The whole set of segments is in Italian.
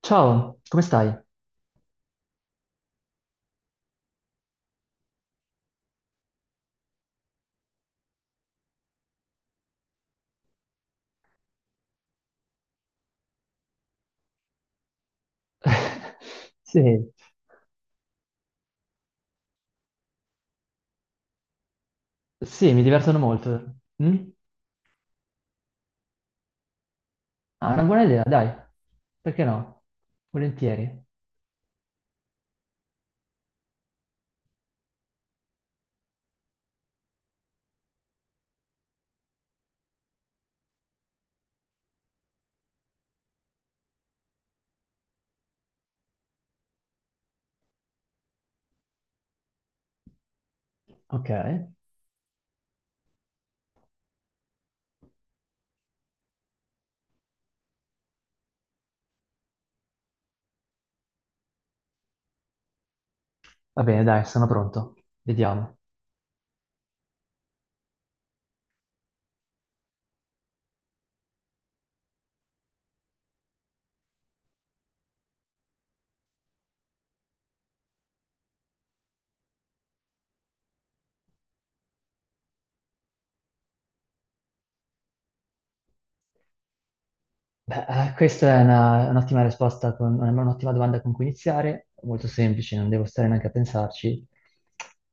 Ciao, come stai? Sì, sì, mi divertono molto. Mm? Ah, è una buona idea, dai, perché no? Volentieri. Ok, va bene, dai, sono pronto. Vediamo. Beh, questa è un'ottima risposta, con, un'ottima domanda con cui iniziare, molto semplice, non devo stare neanche a pensarci.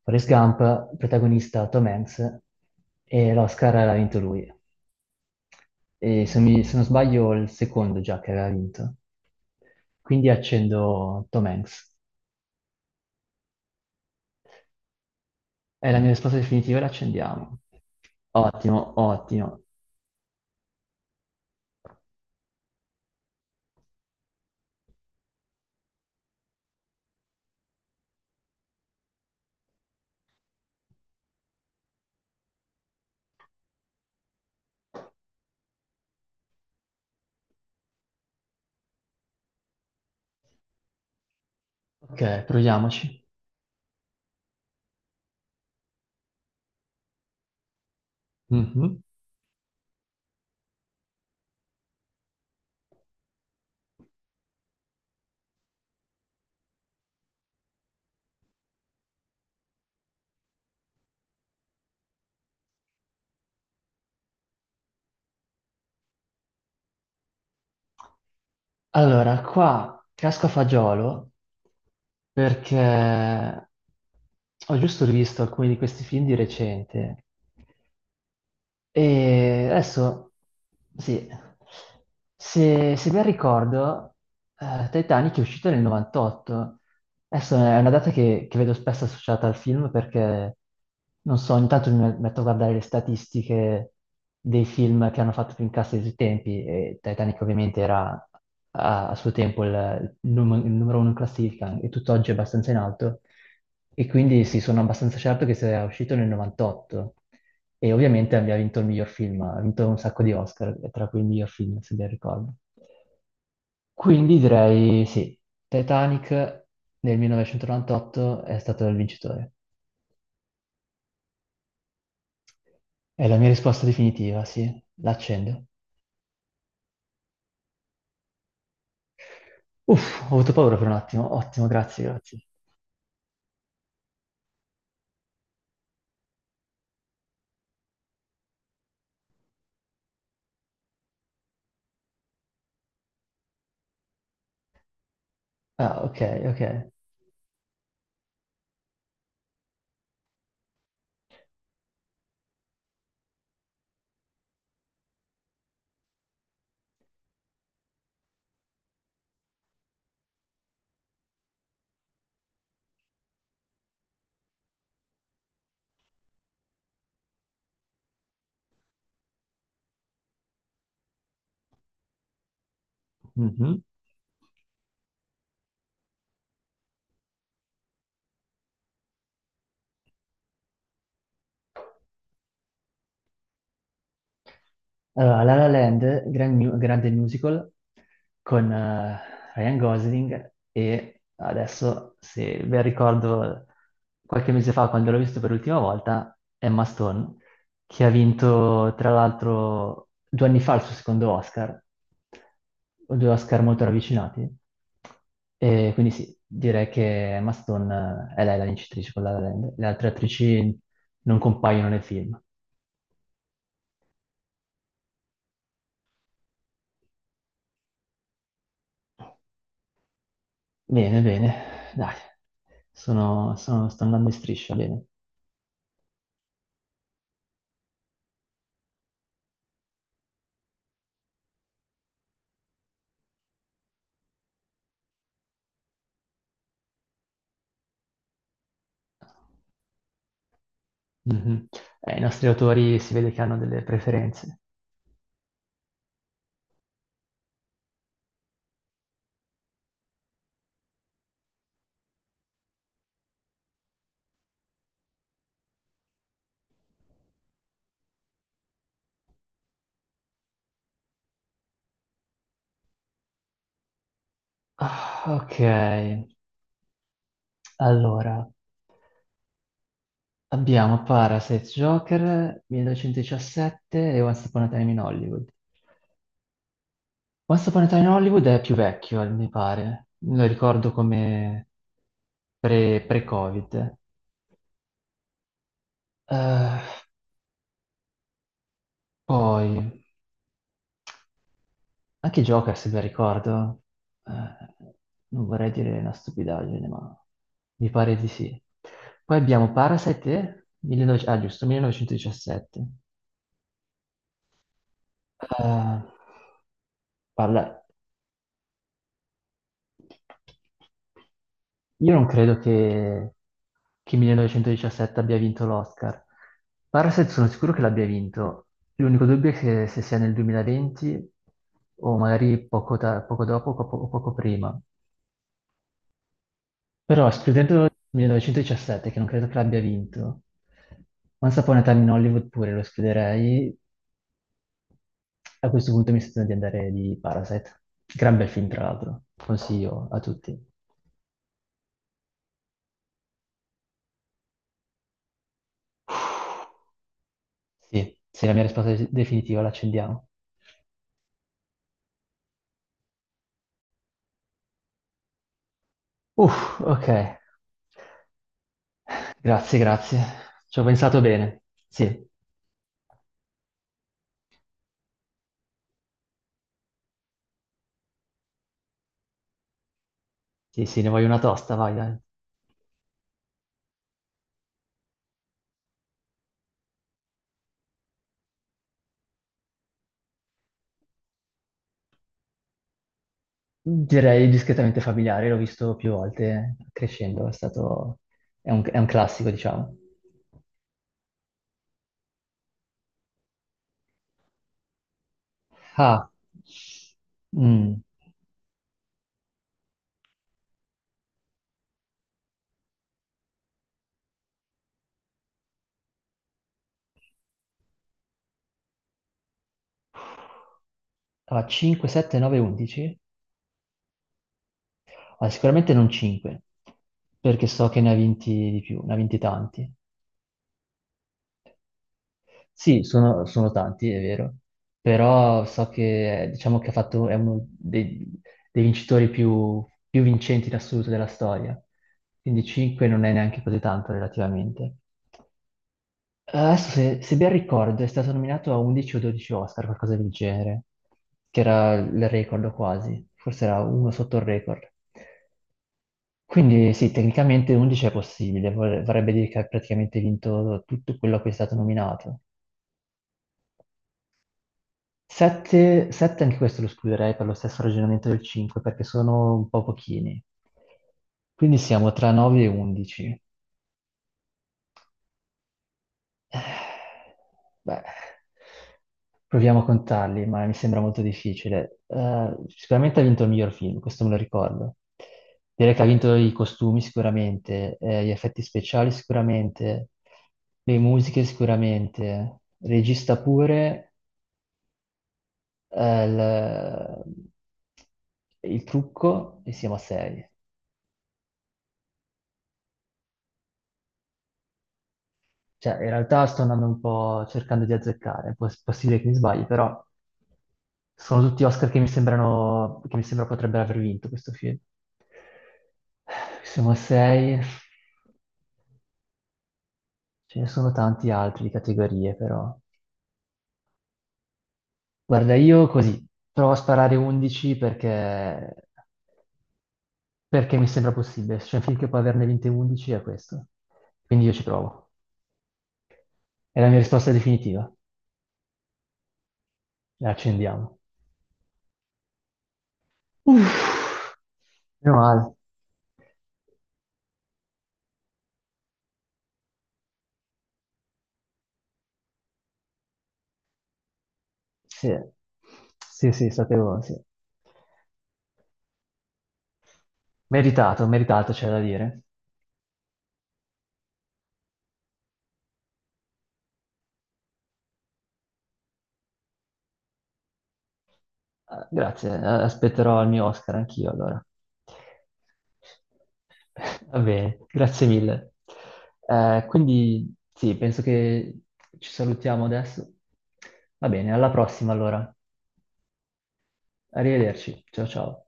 Forrest Gump, protagonista Tom Hanks, e l'Oscar l'ha vinto lui. E se, se non sbaglio, il secondo già che aveva vinto. Quindi accendo Tom Hanks. È la mia risposta definitiva, la accendiamo. Ottimo, ottimo. Ok, proviamoci. Mhm. Allora, qua casco a fagiolo perché ho giusto rivisto alcuni di questi film di recente. E adesso, sì, se ben ricordo, Titanic è uscito nel 98. Adesso è una data che vedo spesso associata al film perché, non so, ogni tanto mi metto a guardare le statistiche dei film che hanno fatto più incassi di tutti i tempi, e Titanic ovviamente era a suo tempo il numero uno in classifica, e tutt'oggi è abbastanza in alto. E quindi sì, sono abbastanza certo che sia uscito nel 98. E ovviamente abbiamo vinto il miglior film, ha vinto un sacco di Oscar, tra cui il miglior film, se ben ricordo. Quindi direi sì, Titanic nel 1998 è stato il vincitore. È la mia risposta definitiva, sì, l'accendo. Uff, ho avuto paura per un attimo. Ottimo, grazie, grazie. Ah, ok, ok. Mhm. Allora, La La Land, grande musical con Ryan Gosling, e adesso, se ben ricordo, qualche mese fa quando l'ho visto per l'ultima volta, Emma Stone, che ha vinto tra l'altro due anni fa il suo secondo Oscar, o due Oscar molto ravvicinati. E quindi sì, direi che Emma Stone è lei la vincitrice con La La Land, le altre attrici non compaiono nel film. Bene, bene, dai, sto andando in striscia, bene. Mhm. I nostri autori si vede che hanno delle preferenze. Ah, ok, allora, abbiamo Parasite, Joker, 1917 e Once Upon a Time in Hollywood. Once Upon a Time in Hollywood è più vecchio, mi pare. Lo ricordo come pre- covid Eh, poi, a chi gioca, se ben ricordo? Eh, non vorrei dire una stupidaggine, ma mi pare di sì. Poi abbiamo Parasite, ah, giusto, 1917. Eh, parla... Io non credo che 1917 abbia vinto l'Oscar. Parasite sono sicuro che l'abbia vinto. L'unico dubbio è che se sia nel 2020 o magari poco dopo o o poco prima. Però escludendo il 1917, che non credo che l'abbia vinto, Once Upon a Time in Hollywood pure lo escluderei. A questo punto mi sento di andare di Parasite. Gran bel film, tra l'altro. Consiglio a tutti. Sì, sì, la mia risposta è definitiva, l'accendiamo. Uff, ok. Grazie, grazie. Ci ho pensato bene. Sì, sì, sì, ne voglio una tosta, vai, dai. Direi discretamente familiare, l'ho visto più volte crescendo, è stato... è un classico, diciamo. Ah, mm. Allora, 5, 7, 9, 11? Allora, sicuramente non 5, perché so che ne ha vinti di più, ne ha vinti tanti. Sì, sono tanti, è vero, però so che diciamo che ha fatto, è uno dei vincitori più vincenti in assoluto della storia, quindi 5 non è neanche così tanto relativamente. Adesso, se ben ricordo, è stato nominato a 11 o 12 Oscar, qualcosa del genere, che era il record quasi, forse era uno sotto il record. Quindi sì, tecnicamente 11 è possibile, vorrebbe dire che ha praticamente vinto tutto quello a cui è stato nominato. 7 anche questo lo escluderei per lo stesso ragionamento del 5, perché sono un po' pochini. Quindi siamo tra 9 e 11. Eh, Beh, proviamo a contarli, ma mi sembra molto difficile. Sicuramente ha vinto il miglior film, questo me lo ricordo. Direi che ha vinto i costumi sicuramente, gli effetti speciali sicuramente, le musiche sicuramente, regista pure, eh, il, il trucco e siamo a sei. Cioè, in realtà sto andando un po' cercando di azzeccare, possibile che mi sbagli, però sono tutti Oscar che mi sembrano, che mi sembra potrebbero aver vinto questo film. Siamo a sei, ce ne sono tanti altri di categorie, però. Guarda, io così, provo a sparare 11 perché mi sembra possibile. Se c'è un film che può averne vinte 11 è questo. Quindi io ci provo. È la mia risposta definitiva. La accendiamo. Uff, meno male. Sì, sì, sì, sapevo, sì. Meritato, meritato, c'è da dire. Ah, grazie, aspetterò il mio Oscar anch'io allora. Va bene, grazie mille. Quindi sì, penso che ci salutiamo adesso. Va bene, alla prossima allora. Arrivederci, ciao ciao.